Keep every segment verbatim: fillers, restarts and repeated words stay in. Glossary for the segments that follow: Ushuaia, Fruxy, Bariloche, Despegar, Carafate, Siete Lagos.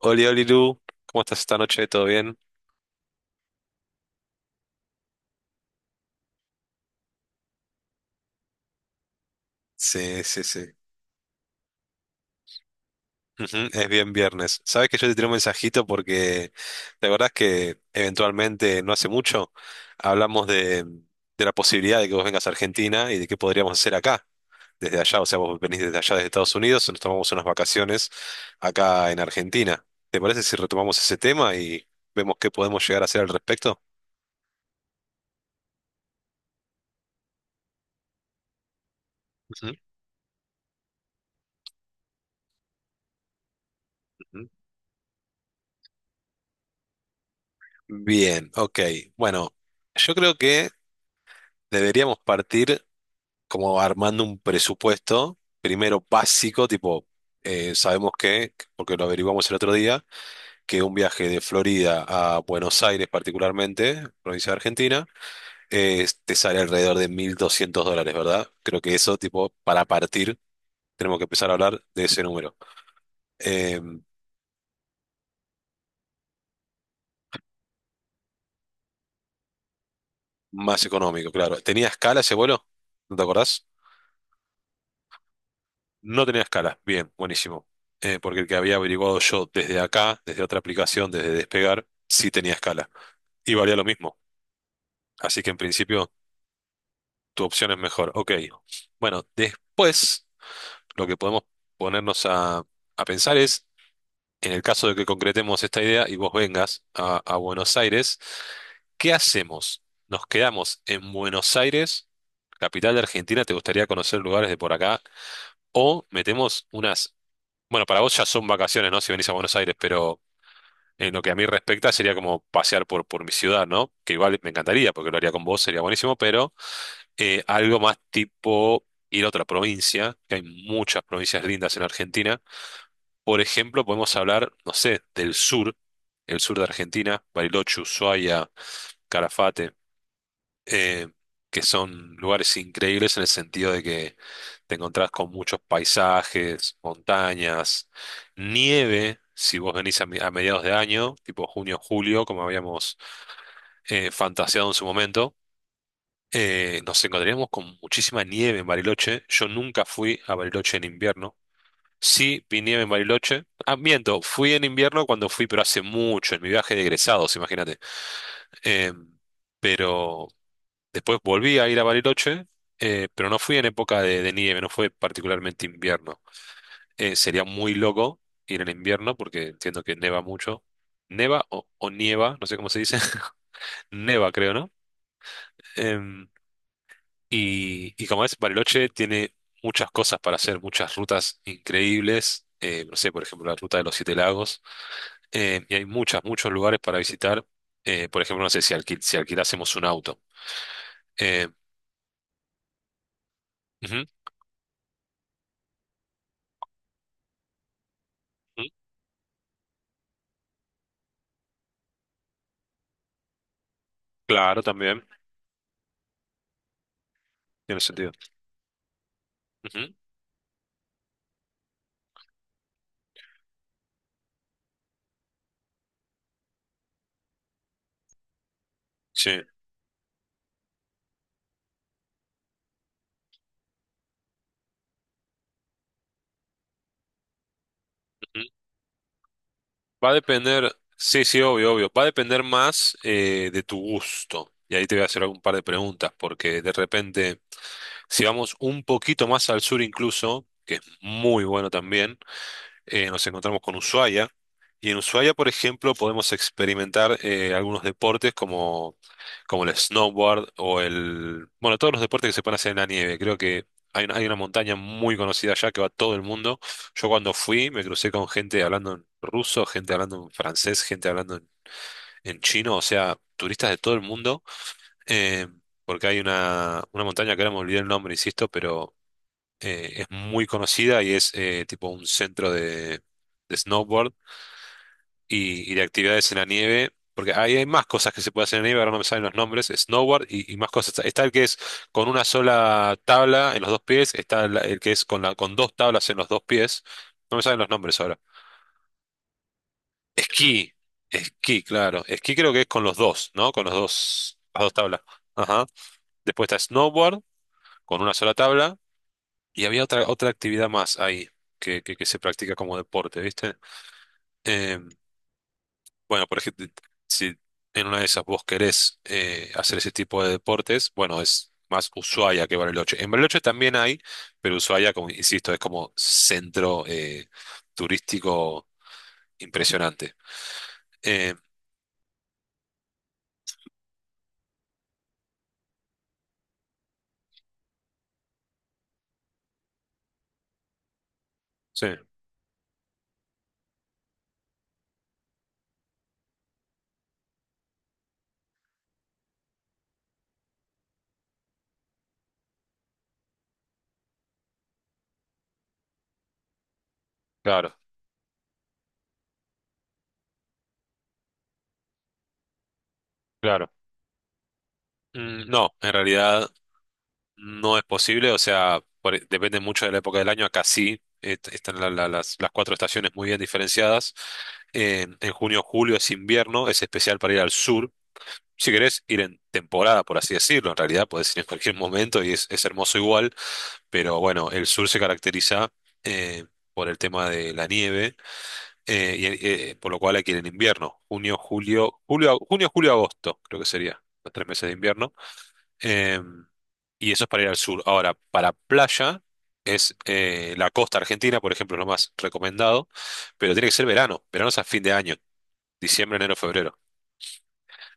Oli, Oli, Lu, ¿cómo estás esta noche? ¿Todo bien? Sí, sí, sí. Ujú, es bien viernes. Sabes que yo te tiré un mensajito porque la verdad es que eventualmente, no hace mucho, hablamos de, de la posibilidad de que vos vengas a Argentina y de qué podríamos hacer acá, desde allá. O sea, vos venís desde allá, desde Estados Unidos, nos tomamos unas vacaciones acá en Argentina. ¿Te parece si retomamos ese tema y vemos qué podemos llegar a hacer al respecto? Ujú, ujú. Bien, ok. Bueno, yo creo que deberíamos partir, como armando un presupuesto, primero básico, tipo, eh, sabemos que, porque lo averiguamos el otro día, que un viaje de Florida a Buenos Aires particularmente, provincia de Argentina, eh, te sale alrededor de mil doscientos dólares, ¿verdad? Creo que eso, tipo, para partir, tenemos que empezar a hablar de ese número. Eh, más económico, claro. ¿Tenía escala ese vuelo? ¿No te acordás? No tenía escala. Bien, buenísimo. Eh, porque el que había averiguado yo desde acá, desde otra aplicación, desde Despegar, sí tenía escala y valía lo mismo. Así que en principio tu opción es mejor. Ok. Bueno, después lo que podemos ponernos a, a pensar es, en el caso de que concretemos esta idea y vos vengas a, a Buenos Aires, ¿qué hacemos? ¿Nos quedamos en Buenos Aires, capital de Argentina? ¿Te gustaría conocer lugares de por acá? ¿O metemos unas...? Bueno, para vos ya son vacaciones, ¿no? Si venís a Buenos Aires, pero en lo que a mí respecta sería como pasear por, por mi ciudad, ¿no? Que igual me encantaría, porque lo haría con vos, sería buenísimo, pero... eh, algo más tipo ir a otra provincia, que hay muchas provincias lindas en Argentina. Por ejemplo, podemos hablar, no sé, del sur, el sur de Argentina, Bariloche, Ushuaia, Carafate, eh, que son lugares increíbles en el sentido de que te encontrás con muchos paisajes, montañas, nieve. Si vos venís a, mi- a mediados de año, tipo junio, julio, como habíamos eh, fantaseado en su momento, eh, nos encontraríamos con muchísima nieve en Bariloche. Yo nunca fui a Bariloche en invierno. Sí, vi nieve en Bariloche. Ah, miento, fui en invierno cuando fui, pero hace mucho, en mi viaje de egresados, imagínate. Eh, pero después volví a ir a Bariloche, eh, pero no fui en época de, de nieve, no fue particularmente invierno. Eh, sería muy loco ir en invierno porque entiendo que neva mucho. Neva o, o nieva, no sé cómo se dice. Neva, creo, ¿no? Eh, Y, y como ves Bariloche tiene muchas cosas para hacer, muchas rutas increíbles. Eh, no sé, por ejemplo, la ruta de los Siete Lagos. Eh, y hay muchas, muchos lugares para visitar. Eh, por ejemplo, no sé si, alquil, si alquilásemos un auto. Eh, Ujú, ujú, claro, también tiene sentido. Ujú, sí, ujú. Va a depender, sí, sí, obvio, obvio. Va a depender más eh, de tu gusto. Y ahí te voy a hacer algún par de preguntas, porque de repente, si vamos un poquito más al sur incluso, que es muy bueno también. Eh, nos encontramos con Ushuaia. Y en Ushuaia, por ejemplo, podemos experimentar eh, algunos deportes como, como el snowboard o el... bueno, todos los deportes que se pueden hacer en la nieve. Creo que hay una, hay una montaña muy conocida allá que va todo el mundo. Yo cuando fui me crucé con gente hablando en ruso, gente hablando en francés, gente hablando en, en chino, o sea, turistas de todo el mundo. eh, Porque hay una, una montaña que ahora me olvidé el nombre, insisto, pero eh, es muy conocida y es eh, tipo un centro de, de snowboard y, y de actividades en la nieve, porque ahí hay más cosas que se puede hacer en la nieve, ahora no me salen los nombres, snowboard y, y más cosas. Está el que es con una sola tabla en los dos pies, está la- el que es con, la, con dos tablas en los dos pies, no me salen los nombres ahora. Esquí, esquí, claro. Esquí creo que es con los dos, ¿no? Con los dos, las dos tablas. Ajá. Después está snowboard con una sola tabla. Y había otra, otra actividad más ahí que, que, que se practica como deporte, ¿viste? Eh, bueno, por ejemplo, si en una de esas vos querés eh, hacer ese tipo de deportes, bueno, es más Ushuaia que Bariloche. En Bariloche también hay, pero Ushuaia, como insisto, es como centro eh, turístico impresionante. Eh, sí, claro, claro. Mm, no, en realidad no es posible, o sea, por- e, depende mucho de la época del año. Acá sí est- están la- la- las, las cuatro estaciones muy bien diferenciadas. En, en junio, julio es invierno, es especial para ir al sur. Si querés ir en temporada, por así decirlo, en realidad podés ir en cualquier momento y es, es hermoso igual, pero bueno, el sur se caracteriza eh, por el tema de la nieve, eh, y, eh, eh, por lo cual hay que ir en invierno. Junio, julio, julio, junio, julio, agosto, creo que sería los tres meses de invierno. Em, y eso es para ir al sur. Ahora, para playa es eh, la costa argentina, por ejemplo, es lo más recomendado, pero tiene que ser verano. Verano es a fin de año, diciembre, enero, febrero.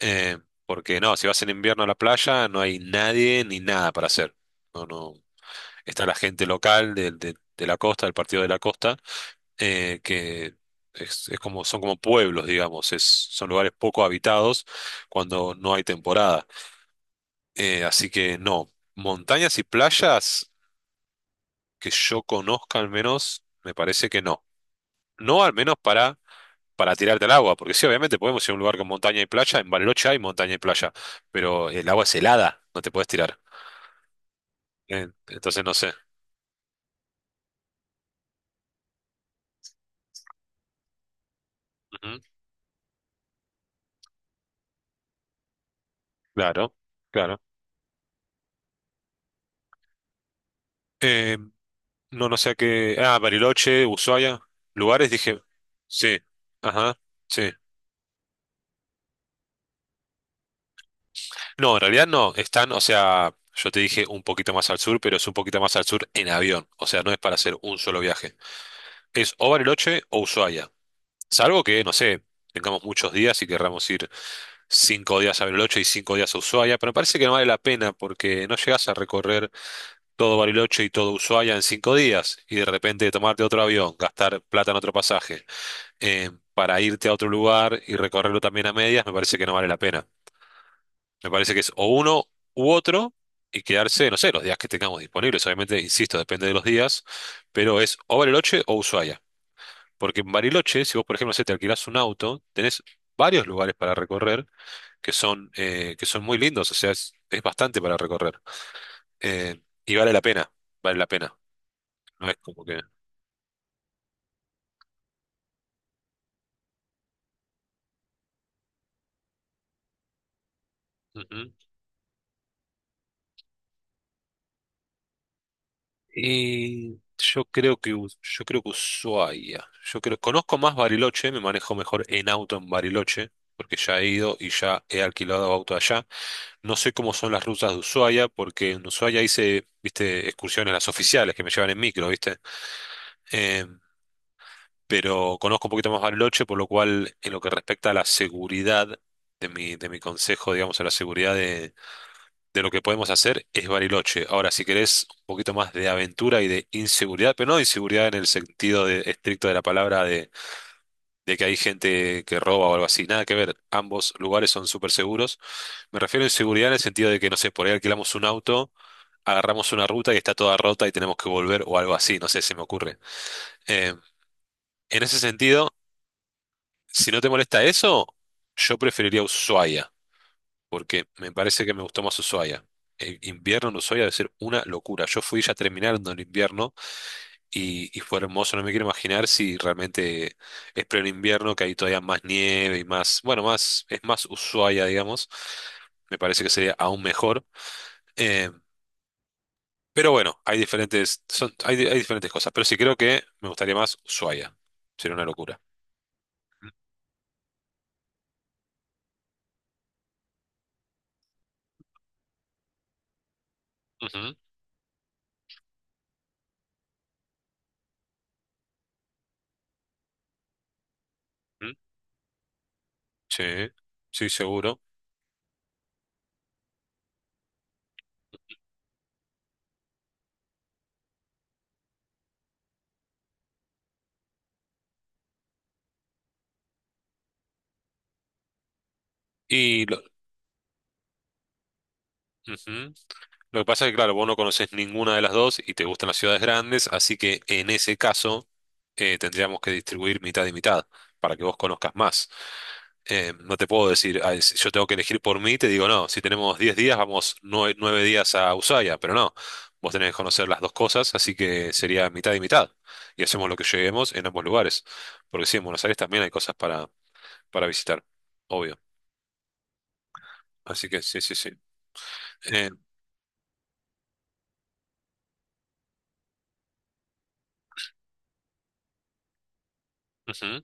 Eh, Porque no, si vas en invierno a la playa no hay nadie ni nada para hacer. No, no. Está la gente local del- de, de la costa, del partido de la costa, eh, que es, es como, son como pueblos, digamos, es, son lugares poco habitados cuando no hay temporada. Eh, así que no, montañas y playas. Que yo conozca al menos, me parece que no. No al menos para, para tirarte al agua, porque sí, obviamente podemos ir a un lugar con montaña y playa, en Bariloche hay montaña y playa, pero el agua es helada, no te puedes tirar. Eh, Entonces no sé. Ujú, claro, claro. Eh, no, no sé a qué. Ah, Bariloche, Ushuaia, lugares, dije. Sí, ajá, sí. No, en realidad no, están, o sea, yo te dije un poquito más al sur, pero es un poquito más al sur en avión, o sea, no es para hacer un solo viaje. Es o Bariloche o Ushuaia. Salvo que, no sé, tengamos muchos días y querramos ir cinco días a Bariloche y cinco días a Ushuaia, pero me parece que no vale la pena porque no llegás a recorrer todo Bariloche y todo Ushuaia en cinco días y de repente tomarte otro avión, gastar plata en otro pasaje, eh, para irte a otro lugar y recorrerlo también a medias, me parece que no vale la pena. Me parece que es o uno u otro y quedarse, no sé, los días que tengamos disponibles. Obviamente, insisto, depende de los días, pero es o Bariloche o Ushuaia. Porque en Bariloche, si vos, por ejemplo, no sé, te alquilás un auto, tenés varios lugares para recorrer que son, eh, que son muy lindos, o sea, es, es bastante para recorrer. Eh, y vale la pena, vale la pena. No es como que. Ujú. Y yo creo que Us- yo creo que Ushuaia. Yo creo, conozco más Bariloche, me manejo mejor en auto en Bariloche, porque ya he ido y ya he alquilado auto allá. No sé cómo son las rutas de Ushuaia, porque en Ushuaia hice, viste, excursiones las oficiales que me llevan en micro, ¿viste? eh, pero conozco un poquito más Bariloche, por lo cual en lo que respecta a la seguridad de mi, de mi consejo, digamos, a la seguridad de, de lo que podemos hacer, es Bariloche. Ahora, si querés un poquito más de aventura y de inseguridad, pero no de inseguridad en el sentido de- estricto de la palabra de, de que hay gente que roba o algo así, nada que ver, ambos lugares son súper seguros. Me refiero a inseguridad en el sentido de que, no sé, por ahí alquilamos un auto. Agarramos una ruta y está toda rota y tenemos que volver o algo así, no sé, se me ocurre. Eh, en ese sentido, si no te molesta eso, yo preferiría Ushuaia, porque me parece que me gustó más Ushuaia. El invierno en Ushuaia debe ser una locura. Yo fui ya terminando el invierno y, y fue hermoso. No me quiero imaginar si realmente es pleno invierno, que hay todavía más nieve y más, bueno, más, es más Ushuaia, digamos. Me parece que sería aún mejor. Eh, pero bueno, hay diferentes, son- hay, hay diferentes cosas. Pero sí creo que me gustaría más Ushuaia. Sería una locura. Ujú, ujú. Sí, sí, seguro. Y lo- Ujú. Lo que pasa es que, claro, vos no conoces ninguna de las dos y te gustan las ciudades grandes, así que en ese caso eh, tendríamos que distribuir mitad y mitad para que vos conozcas más. Eh, no te puedo decir: "Ay, si yo tengo que elegir por mí, te digo, no, si tenemos diez días, vamos nueve nueve días a Ushuaia", pero no, vos tenés que conocer las dos cosas, así que sería mitad y mitad. Y hacemos lo que lleguemos en ambos lugares, porque sí, en Buenos Aires también hay cosas para, para visitar, obvio. Así que sí, sí, sí. Eh, Ujú,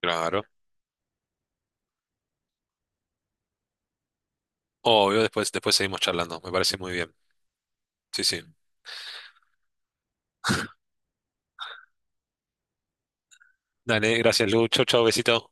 claro. Obvio, después, después seguimos charlando. Me parece muy bien. Sí, sí. Dale, gracias, Lu. Chau, chau, besito.